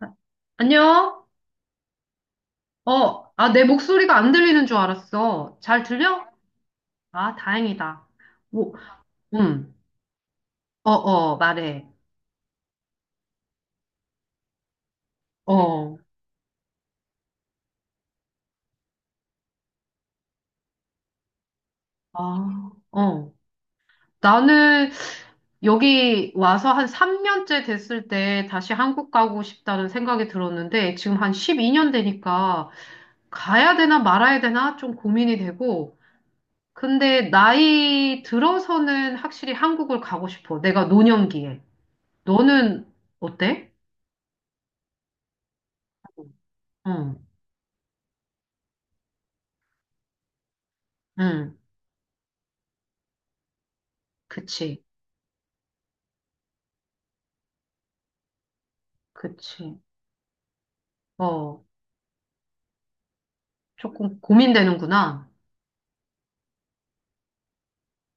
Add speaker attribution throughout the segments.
Speaker 1: 아, 안녕? 어, 아, 내 목소리가 안 들리는 줄 알았어. 잘 들려? 아, 다행이다. 뭐, 음, 어, 어, 말해. 어, 아, 어. 나는 여기 와서 한 3년째 됐을 때 다시 한국 가고 싶다는 생각이 들었는데 지금 한 12년 되니까 가야 되나 말아야 되나 좀 고민이 되고 근데 나이 들어서는 확실히 한국을 가고 싶어. 내가 노년기에. 너는 어때? 응. 응, 그치, 그치. 어, 조금 고민되는구나.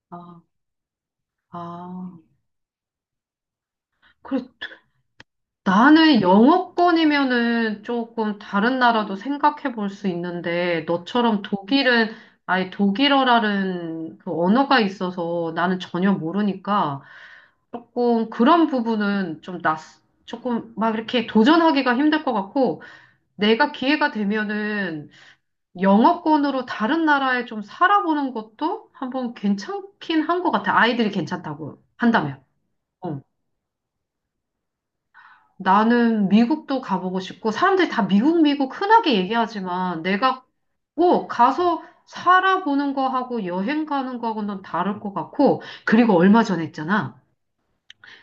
Speaker 1: 아, 아. 그래, 나는 영어권이면은 조금 다른 나라도 생각해 볼 수 있는데, 너처럼 독일은 아예 독일어라는 그 언어가 있어서 나는 전혀 모르니까 조금 그런 부분은 좀 낯, 조금 막 이렇게 도전하기가 힘들 것 같고, 내가 기회가 되면은 영어권으로 다른 나라에 좀 살아보는 것도 한번 괜찮긴 한 것 같아. 아이들이 괜찮다고 한다면. 어. 나는 미국도 가보고 싶고, 사람들이 다 미국, 미국 흔하게 얘기하지만, 내가 꼭 가서 살아보는 거하고 여행 가는 거하고는 다를 것 같고, 그리고 얼마 전에 했잖아.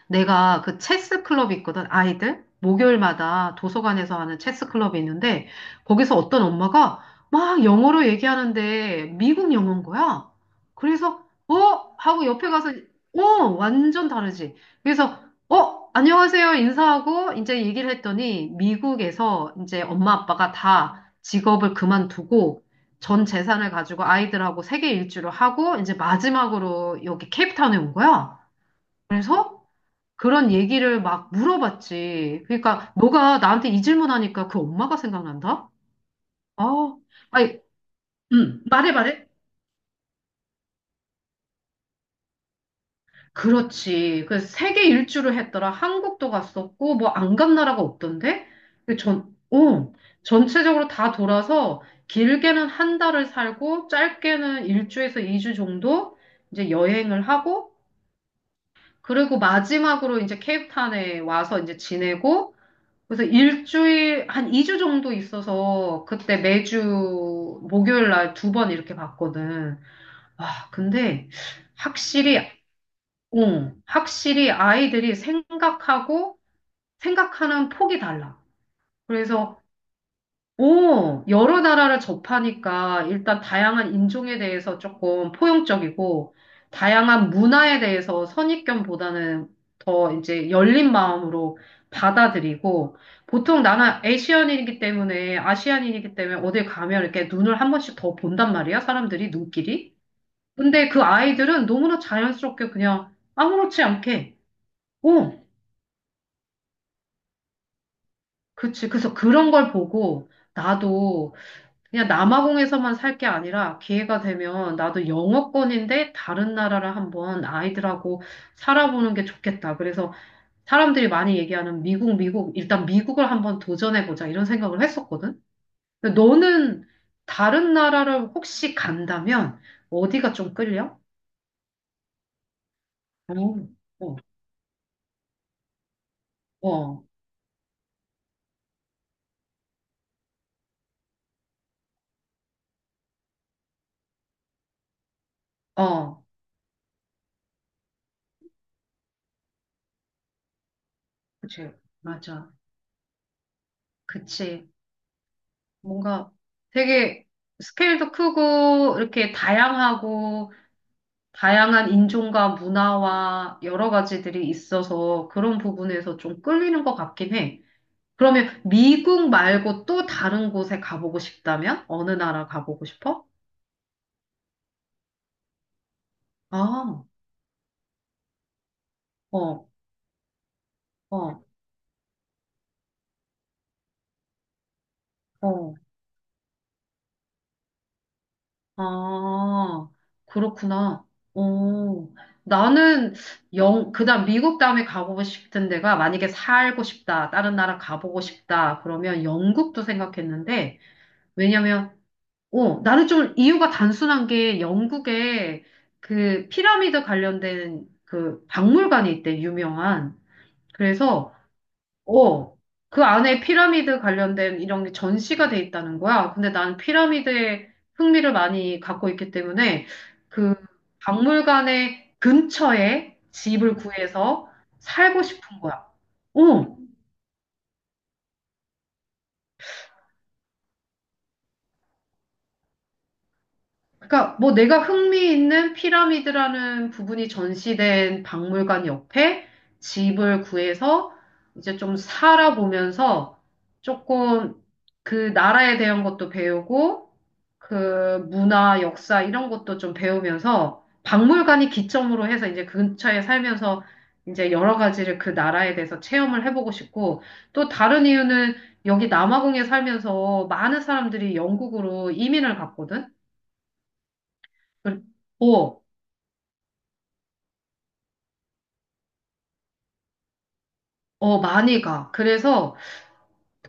Speaker 1: 내가 그 체스 클럽이 있거든, 아이들. 목요일마다 도서관에서 하는 체스 클럽이 있는데, 거기서 어떤 엄마가 막 영어로 얘기하는데, 미국 영어인 거야. 그래서, 어? 하고 옆에 가서, 어? 완전 다르지. 그래서, 어? 안녕하세요. 인사하고, 이제 얘기를 했더니, 미국에서 이제 엄마 아빠가 다 직업을 그만두고, 전 재산을 가지고 아이들하고 세계 일주를 하고, 이제 마지막으로 여기 케이프타운에 온 거야. 그래서, 그런 얘기를 막 물어봤지. 그러니까 너가 나한테 이 질문하니까 그 엄마가 생각난다? 아, 아니, 말해 말해. 그렇지. 그 세계 일주를 했더라. 한국도 갔었고 뭐 안 간 나라가 없던데? 그 전, 전체적으로 다 돌아서 길게는 한 달을 살고 짧게는 일주에서 이 주 정도 이제 여행을 하고 그리고 마지막으로 이제 케이프타운에 와서 이제 지내고 그래서 일주일, 한 2주 정도 있어서 그때 매주 목요일 날 두 번 이렇게 봤거든. 와, 근데 확실히, 응, 확실히 아이들이 생각하고 생각하는 폭이 달라. 그래서 오, 여러 나라를 접하니까 일단 다양한 인종에 대해서 조금 포용적이고, 다양한 문화에 대해서 선입견보다는 더 이제 열린 마음으로 받아들이고, 보통 나는 아시안인이기 때문에, 아시안인이기 때문에 어딜 가면 이렇게 눈을 한 번씩 더 본단 말이야, 사람들이, 눈길이. 근데 그 아이들은 너무나 자연스럽게 그냥 아무렇지 않게, 오, 그치. 그래서 그런 걸 보고, 나도 그냥 남아공에서만 살 게 아니라 기회가 되면 나도 영어권인데 다른 나라를 한번 아이들하고 살아보는 게 좋겠다. 그래서 사람들이 많이 얘기하는 미국, 미국, 일단 미국을 한번 도전해보자 이런 생각을 했었거든. 근데 너는 다른 나라를 혹시 간다면 어디가 좀 끌려? 어, 어, 어, 어, 그치. 맞아. 그치. 뭔가 되게 스케일도 크고 이렇게 다양하고 다양한 인종과 문화와 여러 가지들이 있어서 그런 부분에서 좀 끌리는 것 같긴 해. 그러면 미국 말고 또 다른 곳에 가보고 싶다면? 어느 나라 가보고 싶어? 아, 어, 어, 어, 아, 그렇구나. 어, 나는 영, 그다음 미국 다음에 가보고 싶은 데가 만약에 살고 싶다, 다른 나라 가보고 싶다, 그러면 영국도 생각했는데, 왜냐면 어, 나는 좀 이유가 단순한 게 영국에 그 피라미드 관련된 그 박물관이 있대, 유명한. 그래서, 어, 그 안에 피라미드 관련된 이런 게 전시가 돼 있다는 거야. 근데 난 피라미드에 흥미를 많이 갖고 있기 때문에 그 박물관의 근처에 집을 구해서 살고 싶은 거야. 어, 그러니까 뭐 내가 흥미 있는 피라미드라는 부분이 전시된 박물관 옆에 집을 구해서 이제 좀 살아보면서 조금 그 나라에 대한 것도 배우고 그 문화, 역사 이런 것도 좀 배우면서 박물관이 기점으로 해서 이제 그 근처에 살면서 이제 여러 가지를 그 나라에 대해서 체험을 해보고 싶고 또 다른 이유는 여기 남아공에 살면서 많은 사람들이 영국으로 이민을 갔거든. 그- 어, 어, 많이 가. 그래서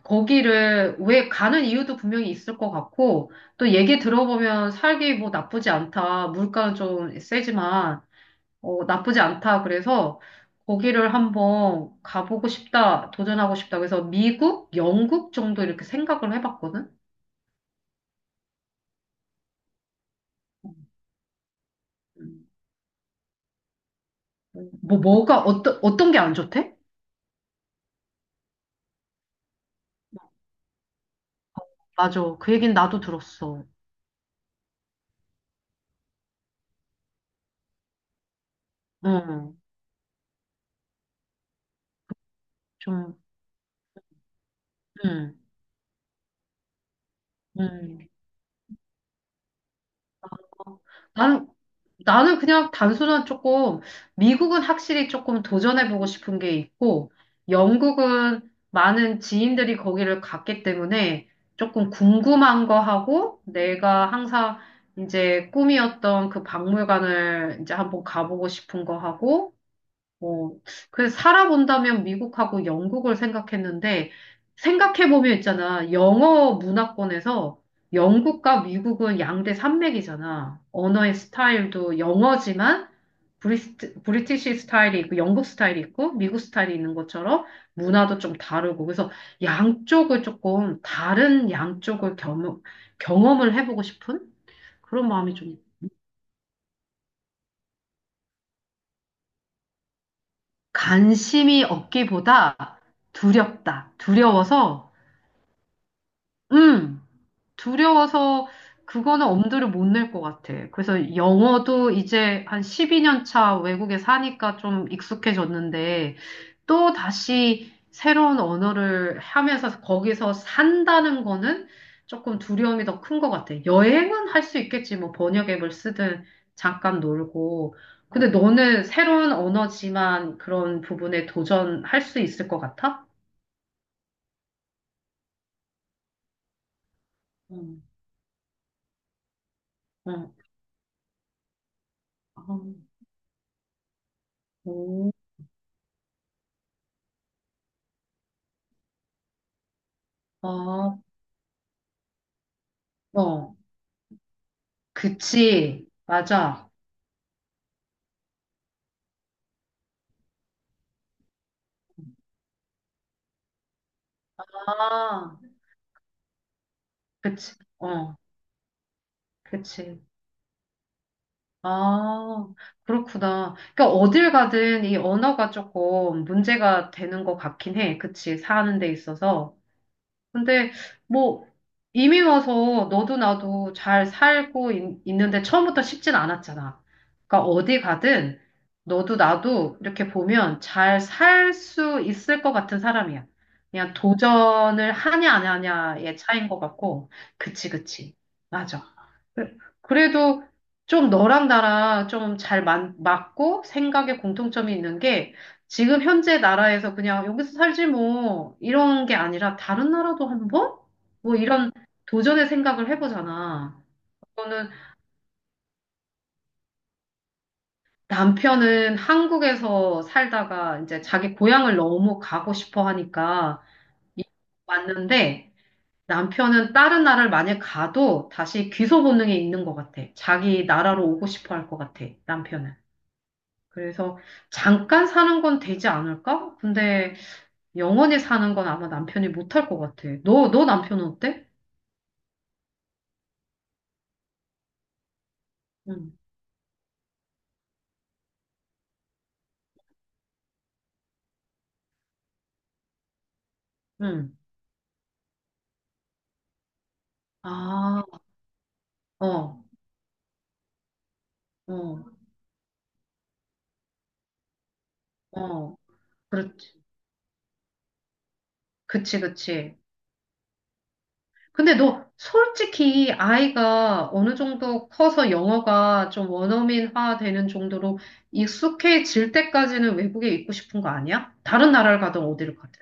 Speaker 1: 거기를 왜 가는 이유도 분명히 있을 것 같고, 또 얘기 들어보면 살기 뭐 나쁘지 않다. 물가는 좀 세지만, 어, 나쁘지 않다. 그래서 거기를 한번 가보고 싶다. 도전하고 싶다. 그래서 미국, 영국 정도 이렇게 생각을 해봤거든? 음. 뭐가, 어떤 게 안 좋대? 맞아. 그 얘기는 나도 들었어. 응, 좀, 응, 응. 나는 나는 그냥 단순한 조금, 미국은 확실히 조금 도전해보고 싶은 게 있고, 영국은 많은 지인들이 거기를 갔기 때문에 조금 궁금한 거 하고, 내가 항상 이제 꿈이었던 그 박물관을 이제 한번 가보고 싶은 거 하고, 어, 그래서 살아본다면 미국하고 영국을 생각했는데, 생각해보면 있잖아. 영어 문화권에서 영국과 미국은 양대 산맥이잖아. 언어의 스타일도 영어지만 브리티시 스타일이 있고, 영국 스타일이 있고, 미국 스타일이 있는 것처럼 문화도 좀 다르고. 그래서 양쪽을 조금, 다른 양쪽을 경험을 해보고 싶은 그런 마음이 좀, 관심이 없기보다 두렵다. 음, 두려워서 그거는 엄두를 못 낼 것 같아. 그래서 영어도 이제 한 12년 차 외국에 사니까 좀 익숙해졌는데 또 다시 새로운 언어를 하면서 거기서 산다는 거는 조금 두려움이 더 큰 것 같아. 여행은 할 수 있겠지. 뭐 번역 앱을 쓰든 잠깐 놀고. 근데 너는 새로운 언어지만 그런 부분에 도전할 수 있을 것 같아? 응, 응. 아, 오, 아, 어, 그치. 맞아. 아, 그치. 어, 그치. 아, 그렇구나. 그러니까 어딜 가든 이 언어가 조금 문제가 되는 것 같긴 해. 그치. 사는 데 있어서. 근데 뭐 이미 와서 너도 나도 잘 살고 있, 는데 처음부터 쉽진 않았잖아. 그러니까 어디 가든 너도 나도 이렇게 보면 잘 살 수 있을 것 같은 사람이야. 그냥 도전을 하냐 안 하냐의 차이인 것 같고. 그치, 그치. 맞아. 그- 그래도 좀 너랑 나랑 좀 잘 맞고 생각에 공통점이 있는 게 지금 현재 나라에서 그냥 여기서 살지 뭐 이런 게 아니라 다른 나라도 한번? 뭐 이런 도전의 생각을 해보잖아. 그거는 남편은 한국에서 살다가 이제 자기 고향을 너무 가고 싶어 하니까 이- 왔는데 남편은 다른 나라를 만약 가도 다시 귀소 본능이 있는 것 같아. 자기 나라로 오고 싶어 할 것 같아, 남편은. 그래서 잠깐 사는 건 되지 않을까? 근데 영원히 사는 건 아마 남편이 못할 것 같아. 너, 너 남편은 어때? 응, 응. 아, 어, 어, 어. 그렇지. 그치, 그치. 근데 너 솔직히 아이가 어느 정도 커서 영어가 좀 원어민화 되는 정도로 익숙해질 때까지는 외국에 있고 싶은 거 아니야? 다른 나라를 가든 어디를 가든.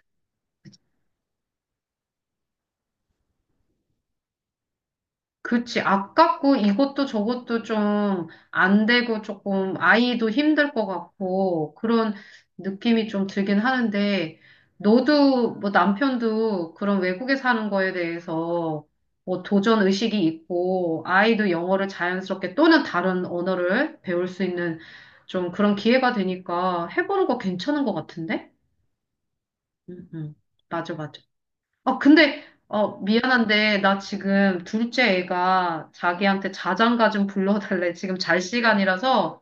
Speaker 1: 그치. 아깝고 이것도 저것도 좀 안 되고 조금 아이도 힘들 것 같고 그런 느낌이 좀 들긴 하는데 너도 뭐 남편도 그런 외국에 사는 거에 대해서 뭐 도전 의식이 있고 아이도 영어를 자연스럽게 또는 다른 언어를 배울 수 있는 좀 그런 기회가 되니까 해보는 거 괜찮은 것 같은데? 응, 응. 맞아, 맞아. 아, 근데, 어, 미안한데, 나 지금 둘째 애가 자기한테 자장가 좀 불러달래. 지금 잘 시간이라서,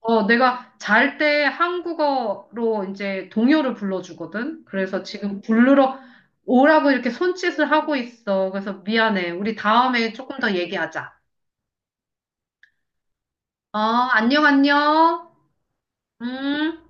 Speaker 1: 어, 내가 잘 때 한국어로 이제 동요를 불러주거든? 그래서 지금 부르러 오라고 이렇게 손짓을 하고 있어. 그래서 미안해. 우리 다음에 조금 더 얘기하자. 어, 안녕, 안녕. 음.